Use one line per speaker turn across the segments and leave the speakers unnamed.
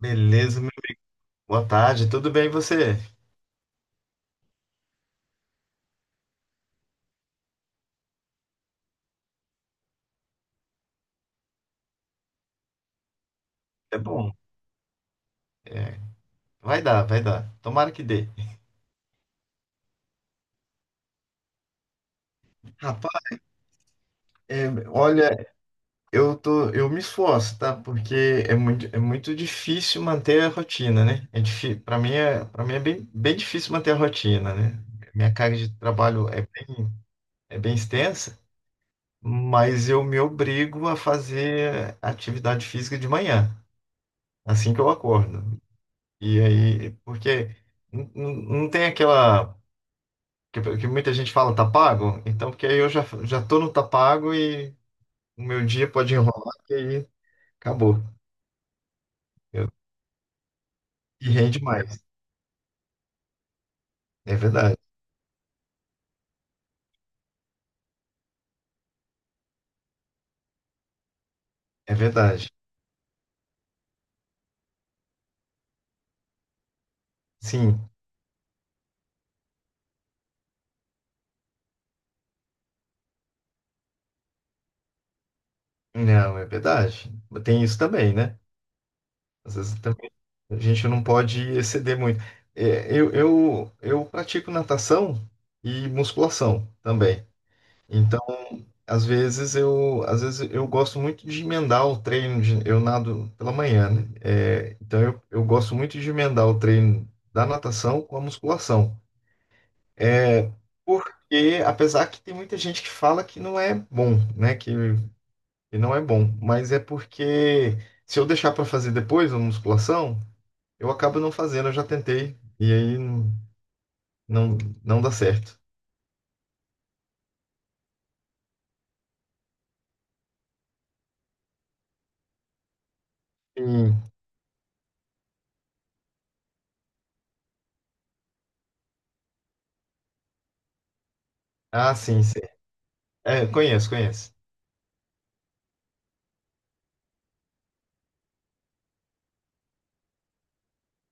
Beleza, meu. Boa tarde, tudo bem e você? É bom, é, vai dar, vai dar. Tomara que dê. Rapaz, olha, eu me esforço, tá? Porque é muito difícil manter a rotina, né? É difícil, para mim é bem, bem difícil manter a rotina, né? Minha carga de trabalho é bem extensa, mas eu me obrigo a fazer atividade física de manhã, assim que eu acordo. E aí, porque não tem aquela que muita gente fala tá pago, então porque aí eu já tô no tá pago e o meu dia pode enrolar e aí acabou. Eu, e rende mais. É verdade, é verdade. Sim, não, é verdade. Tem isso também, né? Às vezes também a gente não pode exceder muito. É, eu pratico natação e musculação também. Então às vezes eu gosto muito de emendar o treino, eu nado pela manhã, né? É, então eu gosto muito de emendar o treino da natação com a musculação. É, porque apesar que tem muita gente que fala que não é bom, né? Que não é bom, mas é porque se eu deixar para fazer depois a musculação, eu acabo não fazendo, eu já tentei e aí não, não dá certo. Sim. Ah, sim, sim. É, conheço, conheço.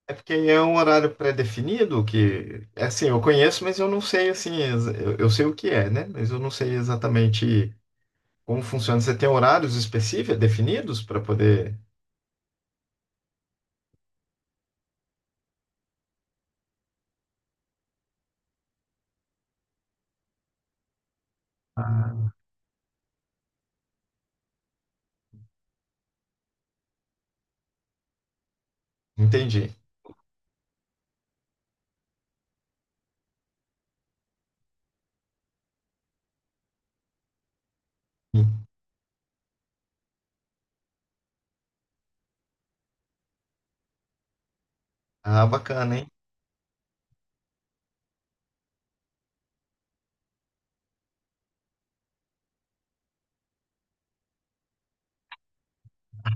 É porque é um horário pré-definido que, é assim, eu conheço, mas eu não sei, assim, eu sei o que é, né? Mas eu não sei exatamente como funciona. Você tem horários específicos, definidos para poder... Ah, entendi. Ah, bacana, hein?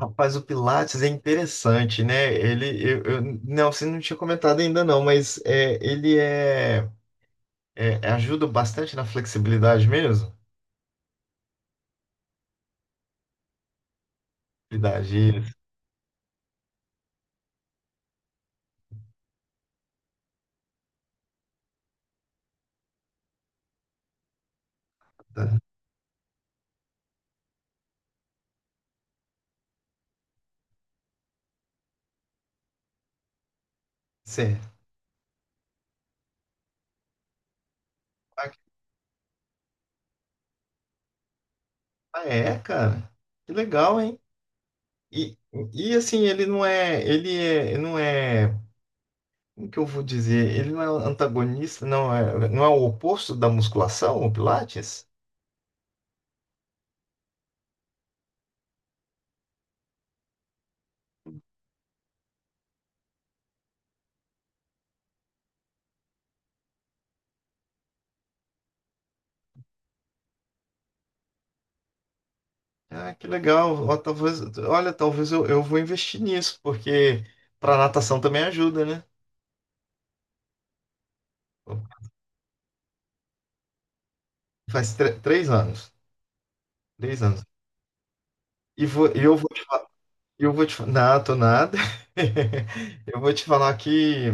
Rapaz, o Pilates é interessante, né? Não, você não tinha comentado ainda não, mas ajuda bastante na flexibilidade mesmo. Flexibilidade, isso, tá? Certo. Ah, é, cara. Que legal, hein? E, e assim, ele não é, ele não é, como que eu vou dizer? Ele não é antagonista, não é, não é o oposto da musculação, o Pilates? Ah, que legal. Ó, talvez, olha, talvez eu vou investir nisso, porque para natação também ajuda, né? Faz 3 anos, 3 anos. E vou, e eu vou te falar, nato nada. Eu vou te falar que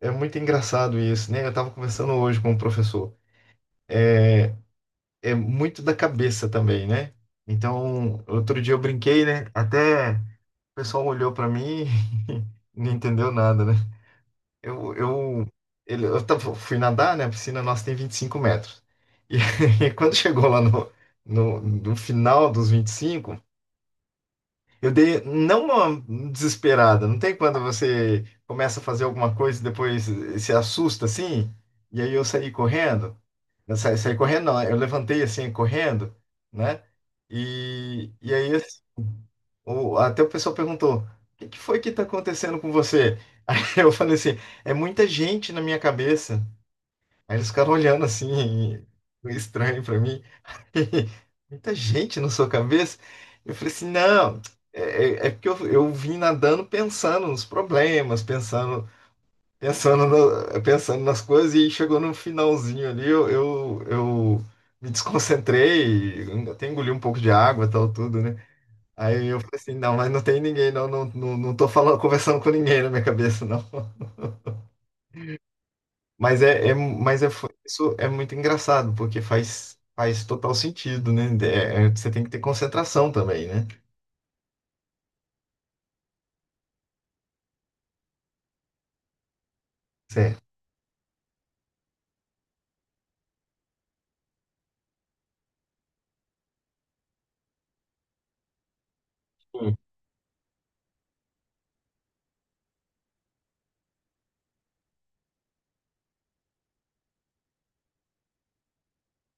é muito engraçado isso, né? Eu estava conversando hoje com um professor. É muito da cabeça também, né? Então, outro dia eu brinquei, né? Até o pessoal olhou pra mim e não entendeu nada, né? Eu, ele, eu tava- fui nadar, né? A piscina nossa tem 25 metros. E, e quando chegou lá no final dos 25, eu dei não uma desesperada. Não tem quando você começa a fazer alguma coisa e depois se assusta assim? E aí eu saí correndo. Eu saí correndo, não. Eu levantei assim, correndo, né? E aí assim, até o pessoal perguntou: o que que foi que tá acontecendo com você? Aí eu falei assim: é muita gente na minha cabeça. Aí eles ficaram olhando assim, meio estranho pra mim. Muita gente na sua cabeça? Eu falei assim: não, é, é porque eu vim nadando pensando nos problemas, pensando pensando, pensando nas coisas e chegou no finalzinho ali, eu me desconcentrei, até engoli um pouco de água e tal, tudo, né? Aí eu falei assim, não, mas não tem ninguém, não, não, não, não tô falando, conversando com ninguém na minha cabeça, não. Isso é muito engraçado, porque faz total sentido, né? Você tem que ter concentração também, né? Certo. Sim,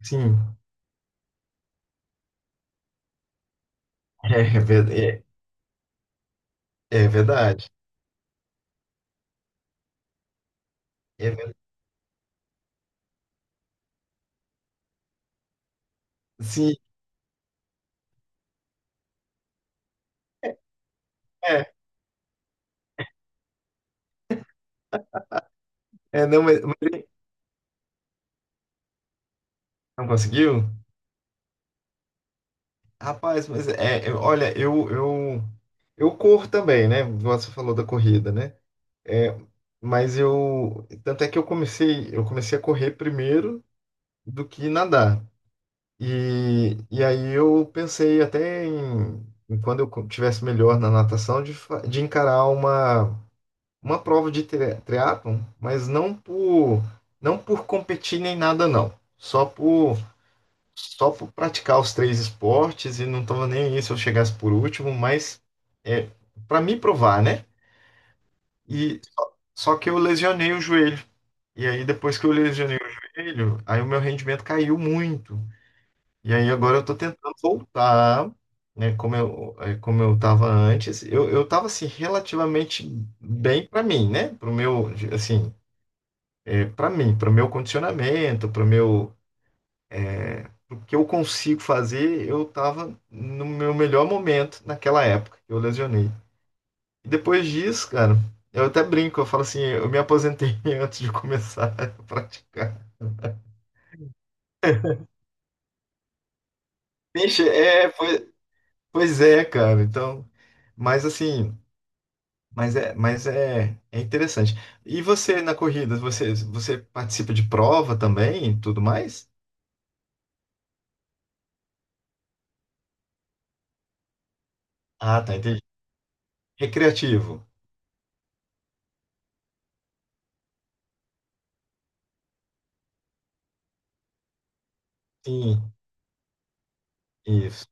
sim. é, é, ver- é, é verdade. É ver- sim, é, não, mas ele não conseguiu? Rapaz, mas olha, eu corro também, né? Você falou da corrida, né? É, mas tanto é que eu comecei a correr primeiro do que nadar. E aí eu pensei até em quando eu tivesse melhor na natação, de encarar uma prova de triatlon, mas não por competir nem nada, não. Só por só por praticar os três esportes e não estava nem aí se eu chegasse por último, mas é, para me provar, né? E só que eu lesionei o joelho. E aí depois que eu lesionei o joelho, aí o meu rendimento caiu muito. E aí agora eu tô tentando voltar, né, como eu tava antes. Eu tava assim relativamente bem para mim, né? Pro meu, assim, para mim, para o meu condicionamento, para o meu o que eu consigo fazer, eu tava no meu melhor momento naquela época que eu lesionei. E depois disso, cara, eu até brinco, eu falo assim, eu me aposentei antes de começar a praticar. Vixe, pois, pois é, cara. Então, mas assim, é interessante. E você na corrida, você participa de prova também, e tudo mais? Ah, tá, entendi. Recreativo. Sim, isso.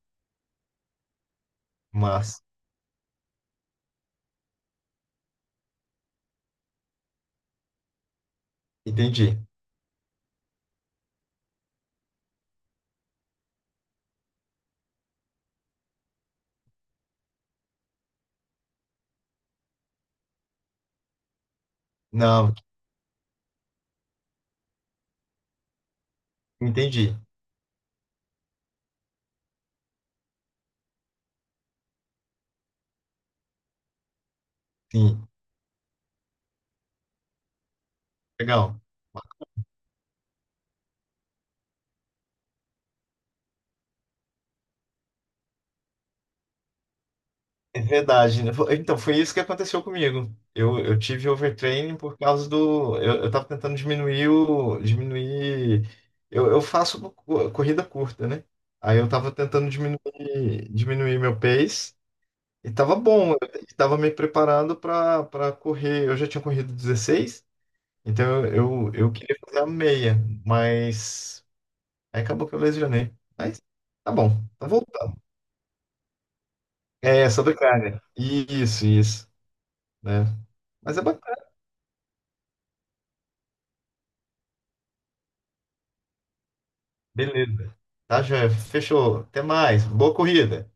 Mas entendi. Não, entendi. Sim. Legal. É verdade, né? Então, foi isso que aconteceu comigo. Eu tive overtraining por causa do. Eu tava tentando diminuir o. Diminuir. Eu faço corrida curta, né? Aí eu tava tentando diminuir, diminuir meu pace. E tava bom. Eu tava me preparando para correr. Eu já tinha corrido 16, então eu queria fazer a meia, mas. Aí acabou que eu lesionei. Mas tá bom, tá voltando. É, sobre carne. Isso, né? Mas é bacana. Beleza. Tá, joia? Fechou. Até mais. Boa corrida.